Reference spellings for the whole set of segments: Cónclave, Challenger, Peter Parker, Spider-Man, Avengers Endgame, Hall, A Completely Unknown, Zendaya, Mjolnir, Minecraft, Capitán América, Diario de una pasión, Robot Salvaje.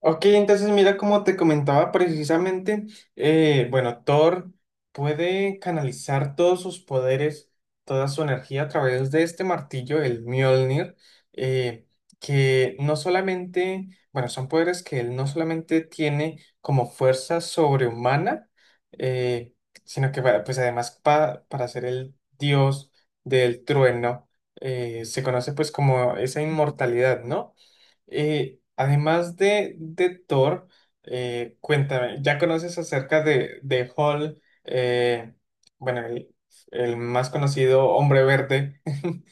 Ok, entonces mira, como te comentaba precisamente, bueno, Thor puede canalizar todos sus poderes, toda su energía a través de este martillo, el Mjolnir. eh, que no solamente, bueno, son poderes que él no solamente tiene como fuerza sobrehumana, eh, sino que bueno, pues además para ser el dios del trueno. Se conoce pues como esa inmortalidad, ¿no? Además de Thor, cuéntame, ¿ya conoces acerca de Hall? Bueno, el más conocido hombre verde,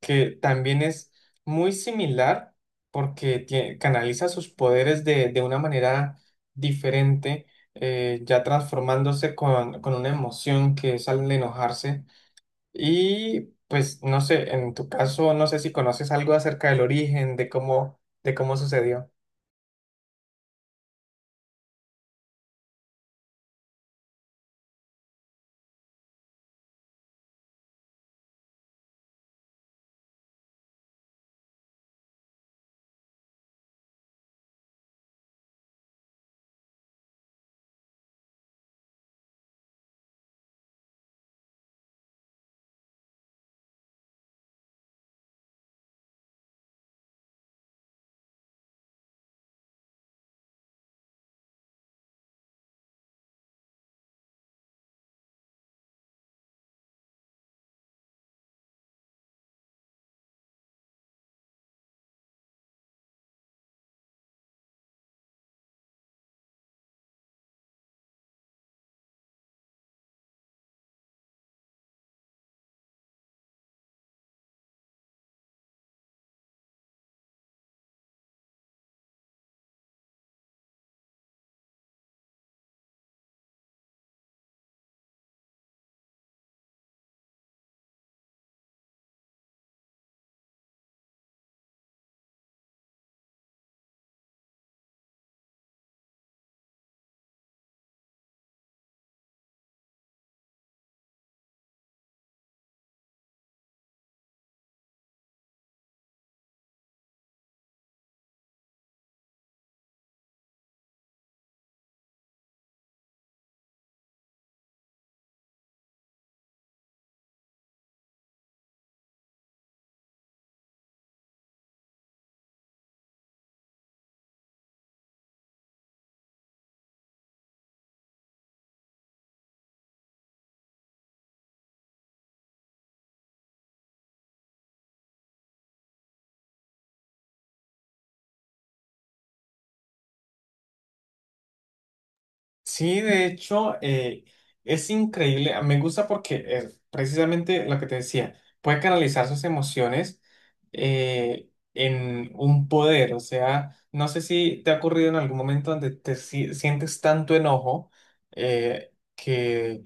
que también es muy similar porque canaliza sus poderes de una manera diferente, ya transformándose con una emoción que es al enojarse. Y pues no sé, en tu caso, no sé si conoces algo acerca del origen, de cómo sucedió. Sí, de hecho, es increíble. Me gusta porque precisamente lo que te decía, puede canalizar sus emociones eh, en un poder. O sea, no sé si te ha ocurrido en algún momento donde te sientes tanto enojo que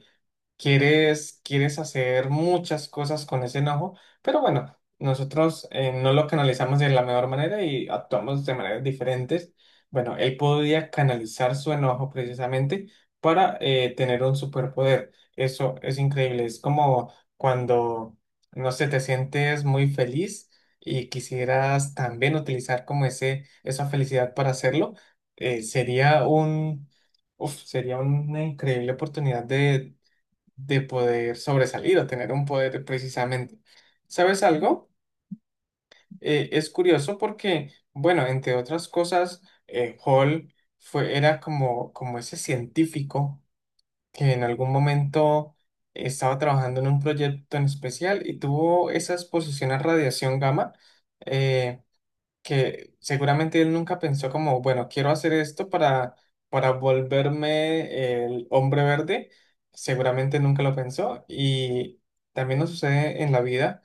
quieres hacer muchas cosas con ese enojo, pero bueno, nosotros no lo canalizamos de la mejor manera y actuamos de maneras diferentes. Bueno, él podía canalizar su enojo precisamente para tener un superpoder. Eso es increíble. Es como cuando, no sé, te sientes muy feliz y quisieras también utilizar como esa felicidad para hacerlo. Sería un... Uf, sería una increíble oportunidad de poder sobresalir o tener un poder precisamente. ¿Sabes algo? Es curioso porque, bueno, entre otras cosas, Hall fue, era como, como ese científico que en algún momento estaba trabajando en un proyecto en especial y tuvo esa exposición a radiación gamma. Eh, que seguramente él nunca pensó como, bueno, quiero hacer esto para volverme el hombre verde, seguramente nunca lo pensó y también nos sucede en la vida,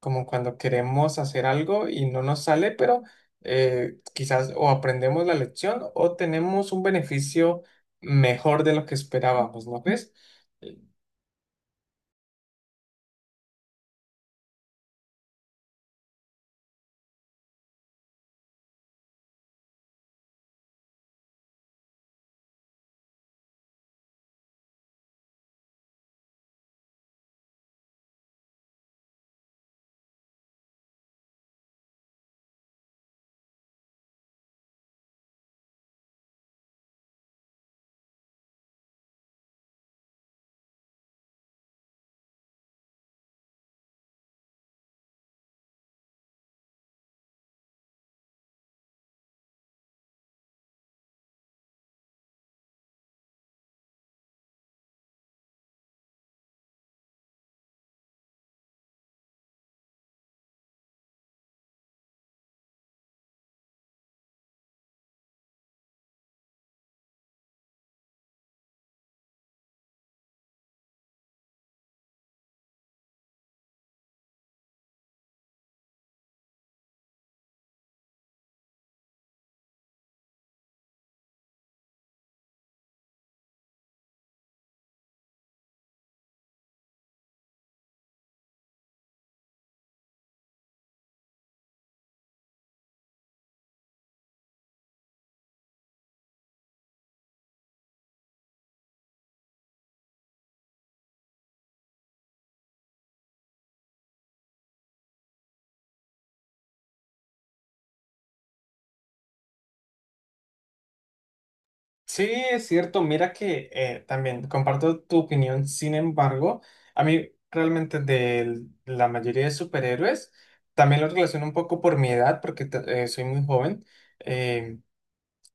como cuando queremos hacer algo y no nos sale, pero quizás o aprendemos la lección o tenemos un beneficio mejor de lo que esperábamos, ¿no ves? Sí, es cierto. Mira que también comparto tu opinión. Sin embargo, a mí realmente de la mayoría de superhéroes, también lo relaciono un poco por mi edad, porque soy muy joven. eh,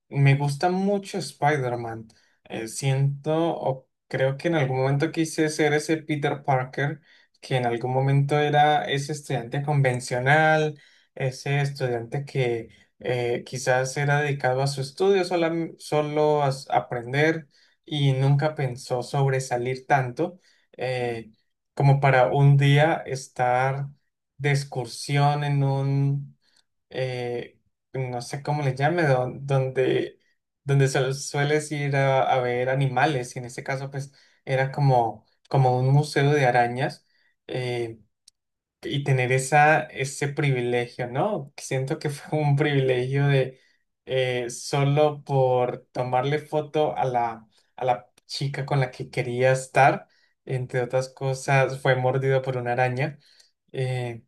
Me gusta mucho Spider-Man. Siento o creo que en algún momento quise ser ese Peter Parker, que en algún momento era ese estudiante convencional, ese estudiante que quizás era dedicado a su estudio, solo a aprender y nunca pensó sobresalir tanto eh, como para un día estar de excursión en un eh, no sé cómo le llame, donde, donde sueles ir a ver animales, y en este caso pues era como, como un museo de arañas, eh, y tener esa, ese privilegio, ¿no? Siento que fue un privilegio de solo por tomarle foto a la chica con la que quería estar, entre otras cosas, fue mordido por una araña. eh,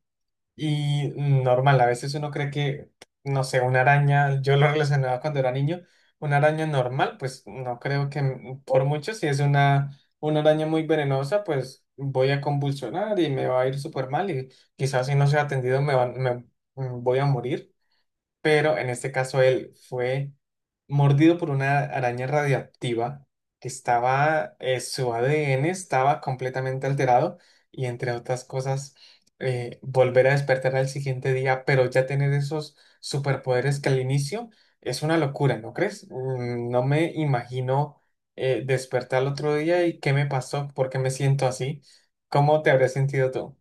normal, a veces uno cree que, no sé, una araña, yo lo relacionaba cuando era niño, una araña normal, pues no creo que por mucho, si es una araña muy venenosa, pues voy a convulsionar y me va a ir súper mal y quizás si no soy atendido me voy a morir. Pero en este caso él fue mordido por una araña radiactiva que estaba, su ADN estaba completamente alterado y entre otras cosas, volver a despertar al siguiente día, pero ya tener esos superpoderes que al inicio es una locura, ¿no crees? No me imagino despertar al otro día y qué me pasó, por qué me siento así, ¿cómo te habrías sentido tú?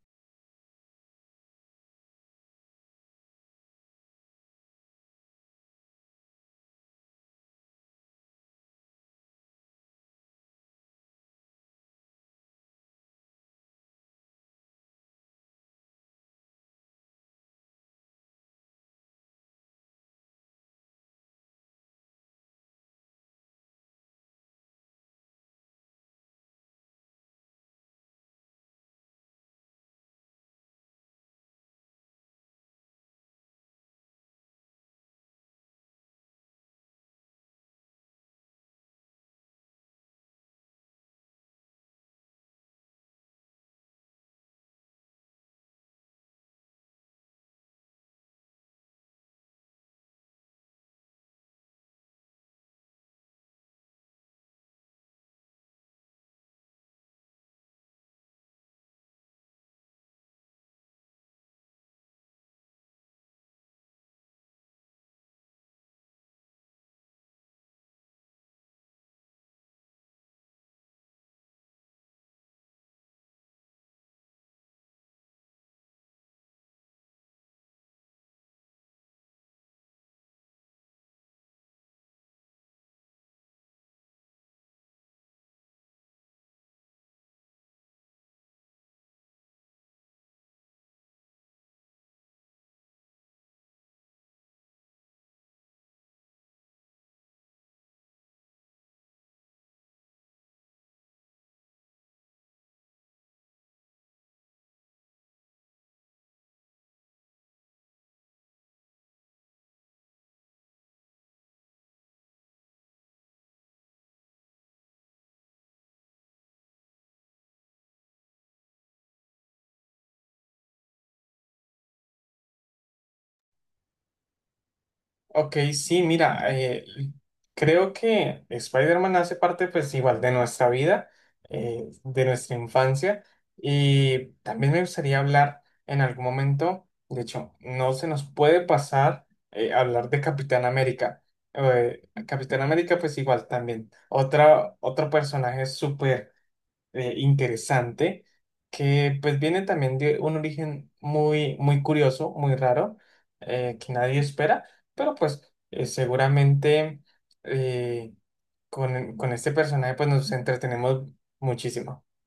Ok, sí, mira, creo que Spider-Man hace parte pues igual de nuestra vida, de nuestra infancia y también me gustaría hablar en algún momento, de hecho, no se nos puede pasar hablar de Capitán América. Capitán América pues igual también, otra, otro personaje súper interesante que pues viene también de un origen muy, muy curioso, muy raro, que nadie espera, pero pues seguramente eh, con este personaje pues nos entretenemos muchísimo.